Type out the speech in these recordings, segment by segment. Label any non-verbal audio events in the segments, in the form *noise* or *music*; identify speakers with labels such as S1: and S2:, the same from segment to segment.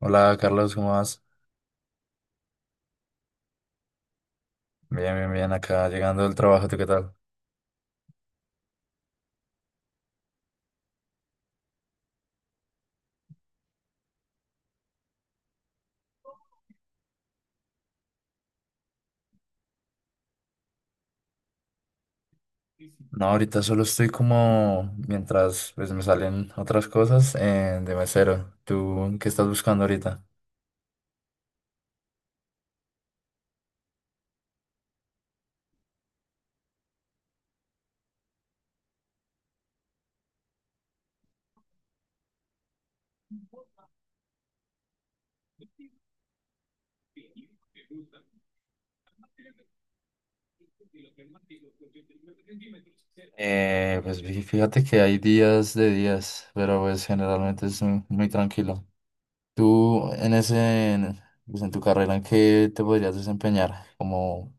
S1: Hola Carlos, ¿cómo vas? Bien, bien, bien, acá llegando del trabajo, ¿tú qué tal? No, ahorita solo estoy como mientras pues me salen otras cosas de mesero. ¿Tú qué estás buscando ahorita? Pues fíjate que hay días de días, pero pues generalmente es muy, muy tranquilo. ¿Tú en pues, en tu carrera, en qué te podrías desempeñar? Como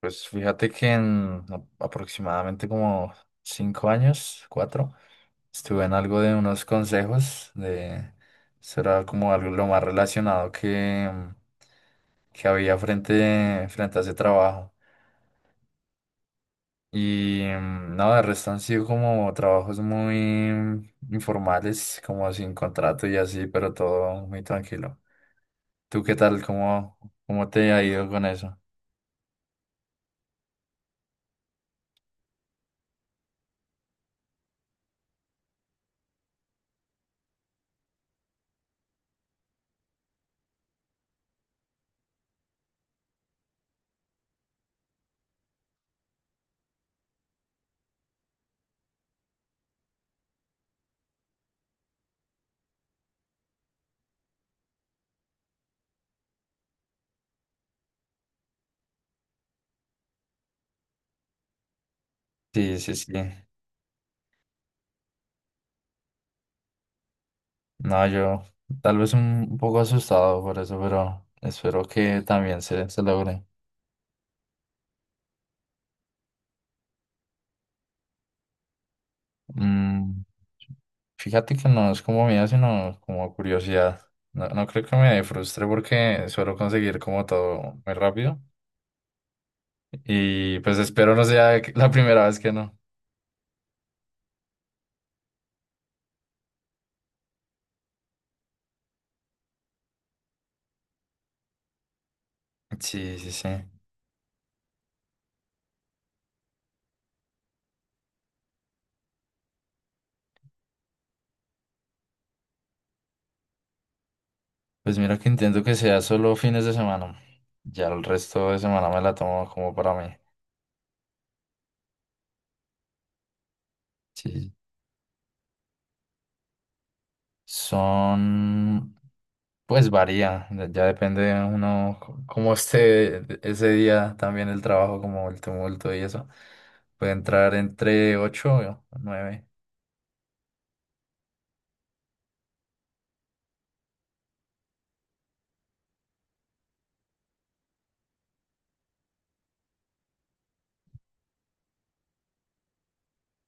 S1: pues fíjate que en aproximadamente como cinco años, cuatro, estuve en algo de unos consejos de, eso era como algo lo más relacionado que, que había frente a ese trabajo. Y mm, no, de resto han sido como trabajos muy informales, como sin contrato y así, pero todo muy tranquilo. ¿Tú qué tal? Cómo te ha ido con eso? Sí, sí, sí. No, yo tal vez un poco asustado por eso, pero espero que también se logre. Mm, fíjate que no es como miedo, sino como curiosidad. No, creo que me frustre porque suelo conseguir como todo muy rápido y pues espero no sea *laughs* la primera vez que no. Sí, sí, sí. Pues mira que intento que sea solo fines de semana. Ya el resto de semana me la tomo como para mí. Sí. Son, pues varía, ya depende de uno cómo esté ese día también el trabajo, como el tumulto y eso. Puede entrar entre 8 o 9.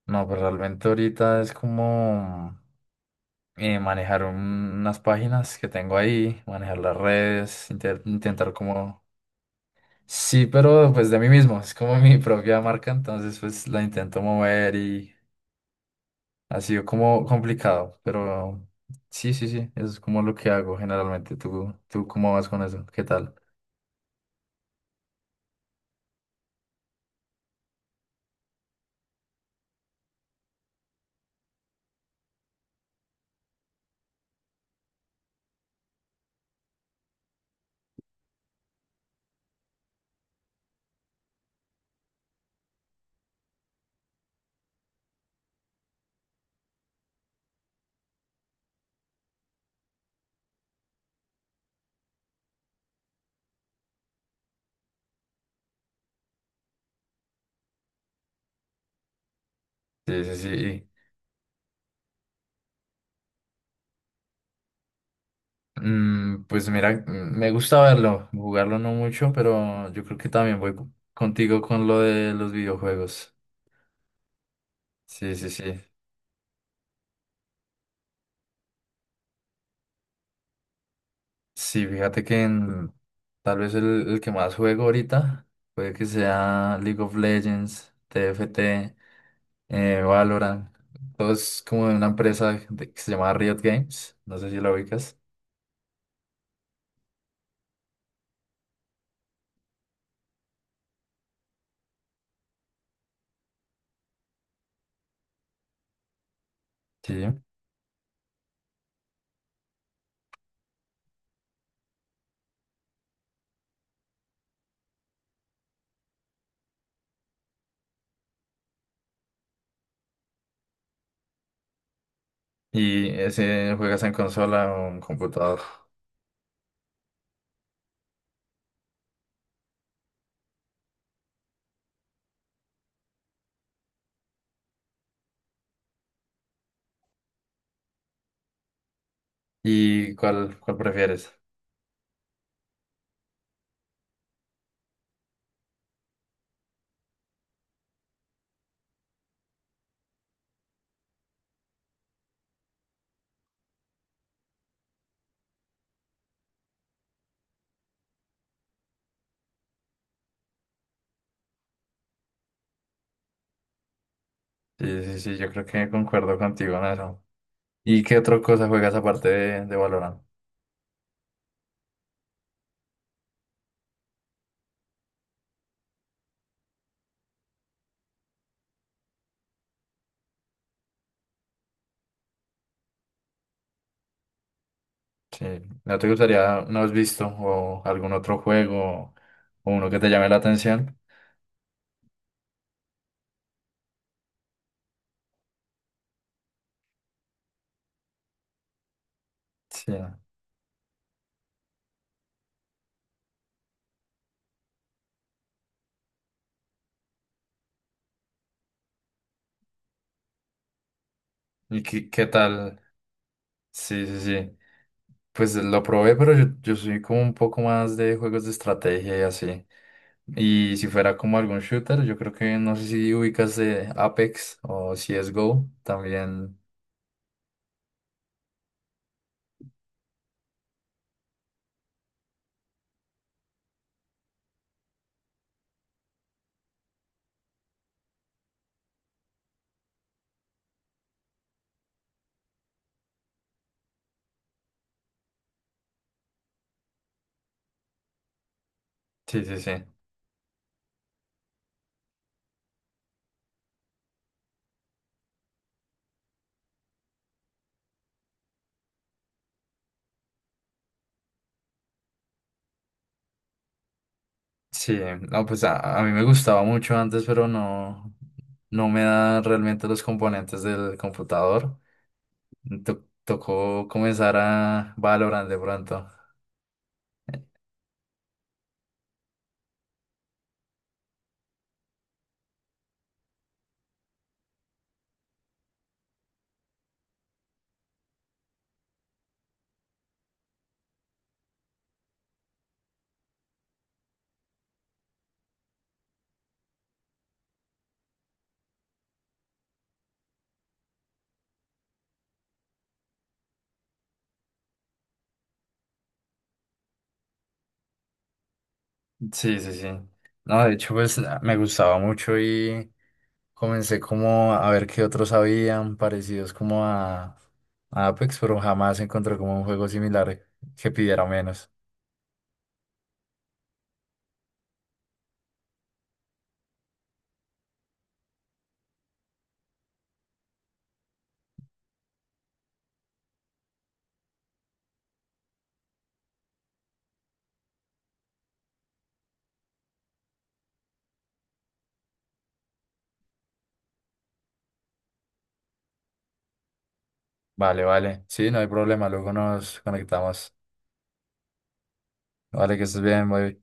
S1: No, pero realmente ahorita es como manejar unas páginas que tengo ahí, manejar las redes, intentar como... Sí, pero pues de mí mismo, es como *laughs* mi propia marca, entonces pues la intento mover y ha sido como complicado, pero sí, sí, sí, eso es como lo que hago generalmente. ¿Tú, cómo vas con eso? ¿Qué tal? Sí, sí, sí. Mm, pues mira, me gusta verlo, jugarlo no mucho, pero yo creo que también voy contigo con lo de los videojuegos. Sí, sí, sí. Sí, fíjate que tal vez el que más juego ahorita puede que sea League of Legends, TFT. Eh, Valorant. Todo es como de una empresa que se llama Riot Games. No sé si la ubicas. Sí. ¿Y ese juegas en consola o en computador? ¿Y cuál prefieres? Sí, sí, sí, yo creo que concuerdo contigo en eso. ¿Y qué otra cosa juegas aparte de Valorant? Sí. ¿No te gustaría, no has visto, o algún otro juego o uno que te llame la atención? Sí. ¿Y qué tal? Sí, sí, sí. Pues lo probé, pero yo soy como un poco más de juegos de estrategia y así. Y si fuera como algún shooter, yo creo que no sé si ubicas de Apex o CSGO también. Sí, sí, sí. Sí, no, pues a mí me gustaba mucho antes, pero no me da realmente los componentes del computador. Tocó comenzar a Valorant de pronto. Sí, sí, sí. No, de hecho, pues me gustaba mucho y comencé como a ver qué otros habían parecidos como a Apex, pero jamás encontré como un juego similar que pidiera menos. Vale, vale. Sí, no hay problema. Luego nos conectamos. Vale, que estés bien, bye.